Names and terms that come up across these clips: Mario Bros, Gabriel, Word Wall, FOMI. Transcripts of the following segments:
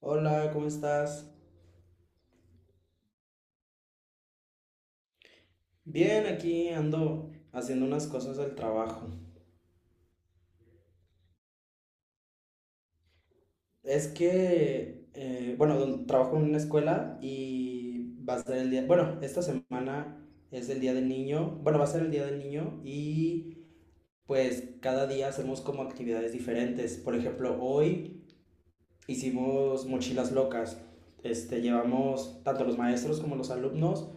Hola, ¿cómo estás? Bien, aquí ando haciendo unas cosas del trabajo. Es que, bueno, trabajo en una escuela y va a ser el día, bueno, esta semana es el día del niño, bueno, va a ser el día del niño y pues cada día hacemos como actividades diferentes. Por ejemplo, hoy hicimos mochilas locas. Este, llevamos tanto los maestros como los alumnos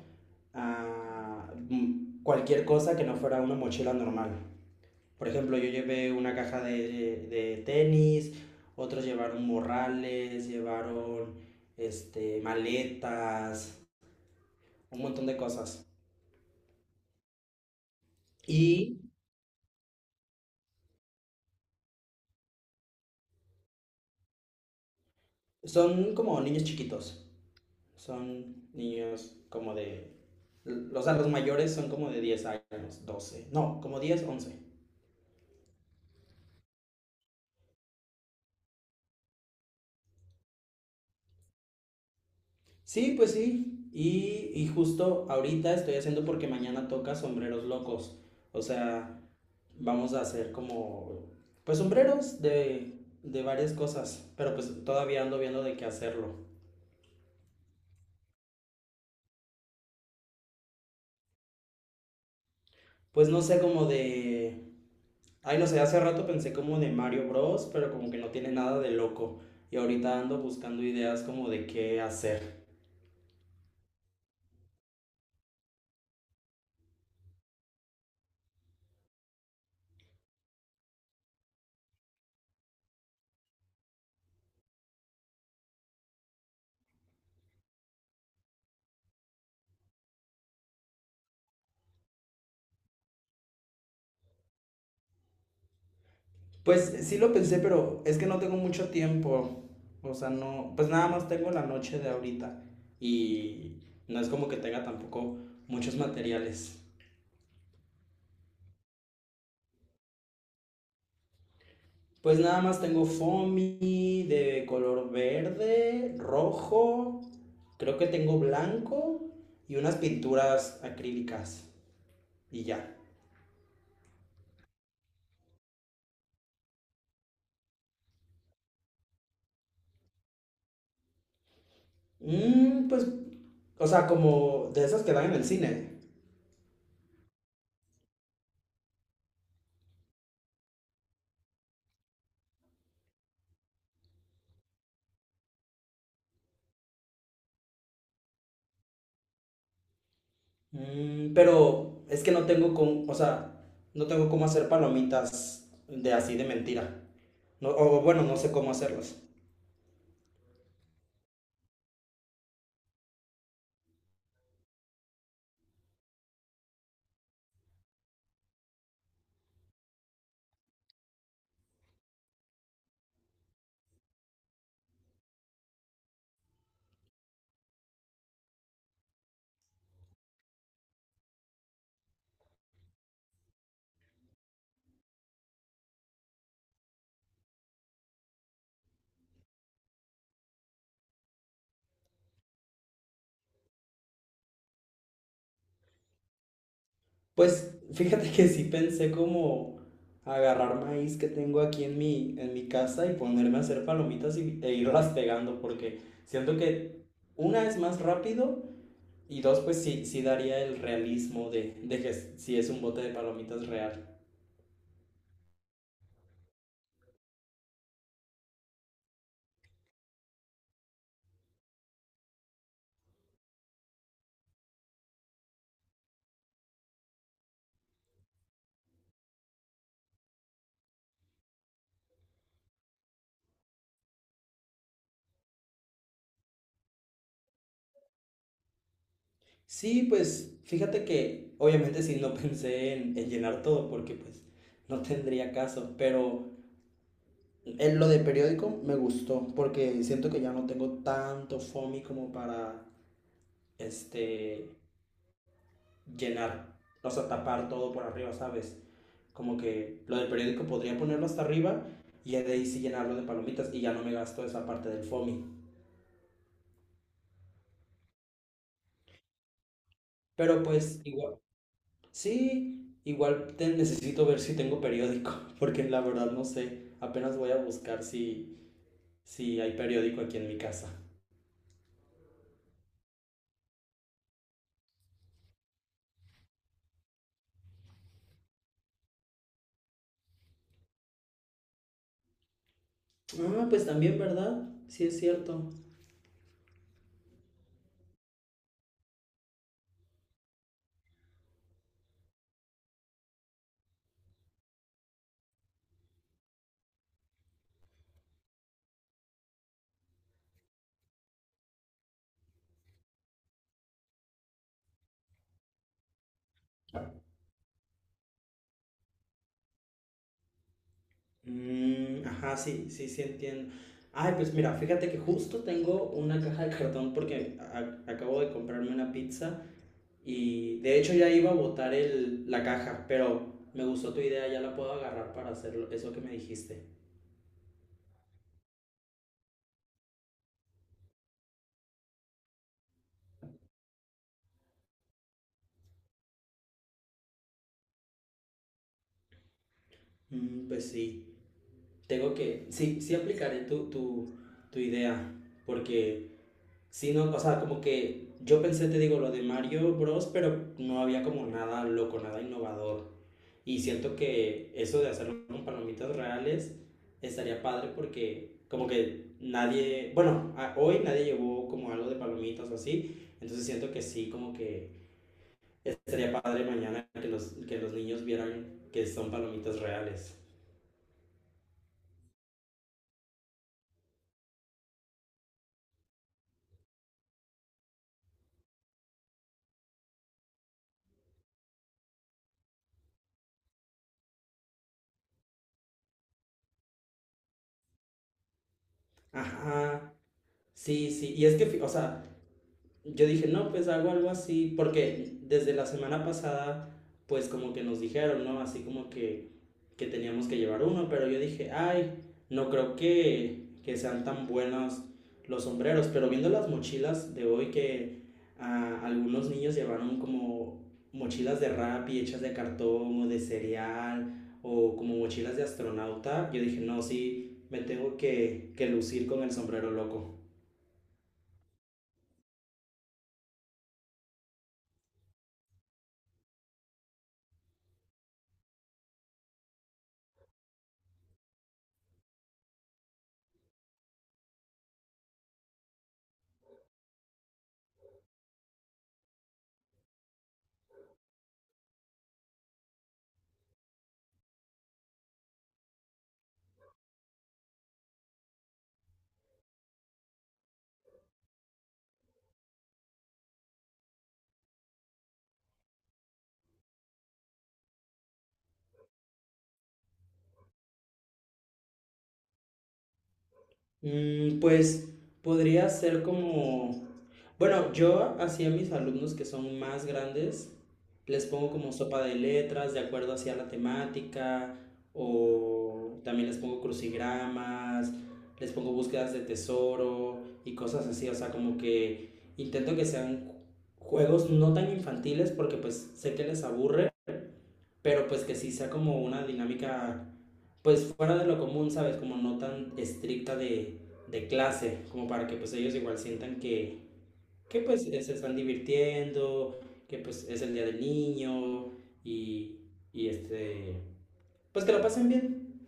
a cualquier cosa que no fuera una mochila normal. Por ejemplo, yo llevé una caja de tenis, otros llevaron morrales, llevaron este, maletas, un montón de cosas. Y son como niños chiquitos, son niños como de... O sea, los mayores son como de 10 años, 12 no, como 10 once. Sí, pues sí. Y justo ahorita estoy haciendo porque mañana toca sombreros locos. O sea, vamos a hacer como, pues sombreros de varias cosas. Pero pues todavía ando viendo de qué hacerlo. Pues no sé, como de... Ay, no sé, hace rato pensé como de Mario Bros, pero como que no tiene nada de loco. Y ahorita ando buscando ideas como de qué hacer. Pues sí lo pensé, pero es que no tengo mucho tiempo. O sea, no, pues nada más tengo la noche de ahorita y no es como que tenga tampoco muchos materiales. Pues nada más tengo foamy de color verde, rojo, creo que tengo blanco y unas pinturas acrílicas y ya. Mm, pues, o sea, como de esas que dan en el cine. Mm, pero es que no tengo con, o sea, no tengo cómo hacer palomitas de así de mentira. No, o bueno, no sé cómo hacerlas. Pues fíjate que sí pensé como agarrar maíz que tengo aquí en mi casa y ponerme a hacer palomitas y, e irlas pegando, porque siento que una es más rápido y dos, pues sí, sí daría el realismo de que si es un bote de palomitas real. Sí, pues fíjate que obviamente sí no pensé en llenar todo porque pues no tendría caso, pero en lo de periódico me gustó porque siento que ya no tengo tanto FOMI como para este llenar, o sea, tapar todo por arriba, ¿sabes? Como que lo del periódico podría ponerlo hasta arriba y de ahí sí llenarlo de palomitas y ya no me gasto esa parte del FOMI. Pero pues igual. Sí, igual te necesito ver si tengo periódico, porque la verdad no sé. Apenas voy a buscar si, si hay periódico aquí en mi casa. Ah, pues también, ¿verdad? Sí, es cierto. Mm, ajá, sí, sí, sí entiendo. Ay, pues mira, fíjate que justo tengo una caja de cartón porque acabo de comprarme una pizza y de hecho ya iba a botar el, la caja, pero me gustó tu idea, ya la puedo agarrar para hacer eso que me dijiste. Mm, pues sí. Tengo que, sí, sí aplicaré tu idea, porque si no, o sea, como que yo pensé, te digo, lo de Mario Bros, pero no había como nada loco, nada innovador. Y siento que eso de hacerlo con palomitas reales estaría padre porque como que nadie, bueno, hoy nadie llevó como algo de palomitas o así, entonces siento que sí, como que estaría padre mañana que los niños vieran que son palomitas reales. Ajá, sí, sí, y es que, o sea, yo dije, no, pues hago algo así, porque desde la semana pasada, pues como que nos dijeron, ¿no? Así como que teníamos que llevar uno, pero yo dije, ay, no creo que sean tan buenos los sombreros, pero viendo las mochilas de hoy que ah, algunos niños llevaron como mochilas de rap y hechas de cartón o de cereal o como mochilas de astronauta, yo dije, no, sí, me tengo que lucir con el sombrero loco. Mm, pues podría ser como, bueno, yo hacía a mis alumnos que son más grandes, les pongo como sopa de letras de acuerdo hacia la temática, o también les pongo crucigramas, les pongo búsquedas de tesoro y cosas así, o sea, como que intento que sean juegos no tan infantiles porque pues sé que les aburre, pero pues que sí sea como una dinámica, pues fuera de lo común, ¿sabes? Como no tan estricta de clase, como para que pues ellos igual sientan que pues se están divirtiendo, que pues es el día del niño y, y este, pues que lo pasen bien.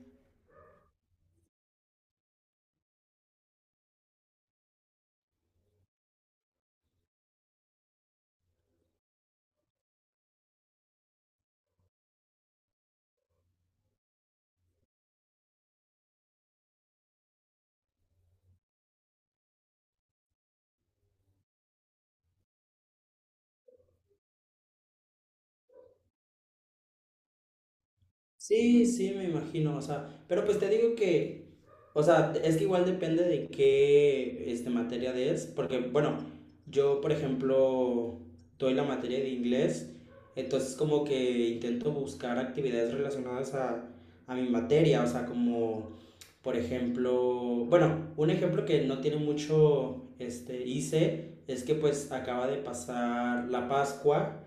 Sí, sí, me imagino, o sea, pero pues te digo que, o sea, es que igual depende de qué este, materia es, porque, bueno, yo, por ejemplo, doy la materia de inglés, entonces como que intento buscar actividades relacionadas a mi materia, o sea, como, por ejemplo, bueno, un ejemplo que no tiene mucho, este, hice, es que pues acaba de pasar la Pascua,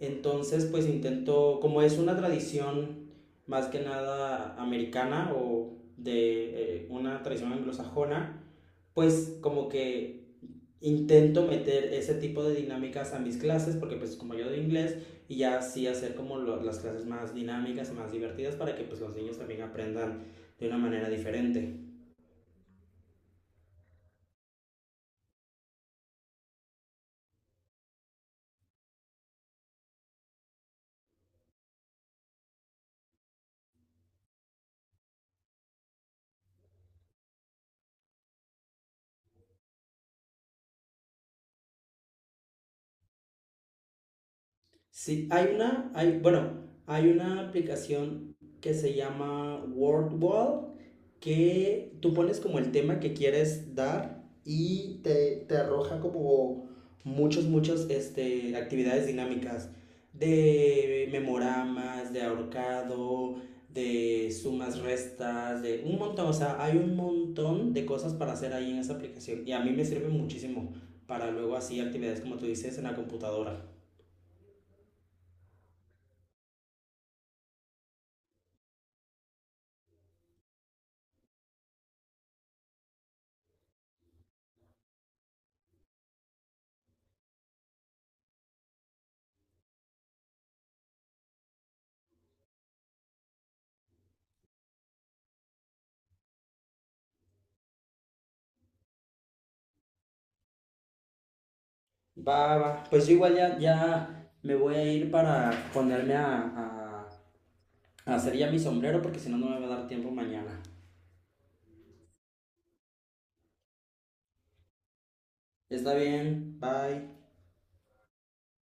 entonces, pues intento, como es una tradición más que nada americana o de una tradición anglosajona, pues como que intento meter ese tipo de dinámicas a mis clases, porque pues como yo de inglés, y ya así hacer como las clases más dinámicas, más divertidas, para que pues los niños también aprendan de una manera diferente. Sí, hay una, hay, bueno, hay una aplicación que se llama Word Wall que tú pones como el tema que quieres dar y te arroja como muchos muchos este, actividades dinámicas de memoramas, de ahorcado, de sumas, restas, de un montón, o sea, hay un montón de cosas para hacer ahí en esa aplicación y a mí me sirve muchísimo para luego así actividades como tú dices en la computadora. Va, va. Pues yo igual ya, ya me voy a ir para ponerme a, a hacer ya mi sombrero porque si no, no me va a dar tiempo mañana. Está bien, bye.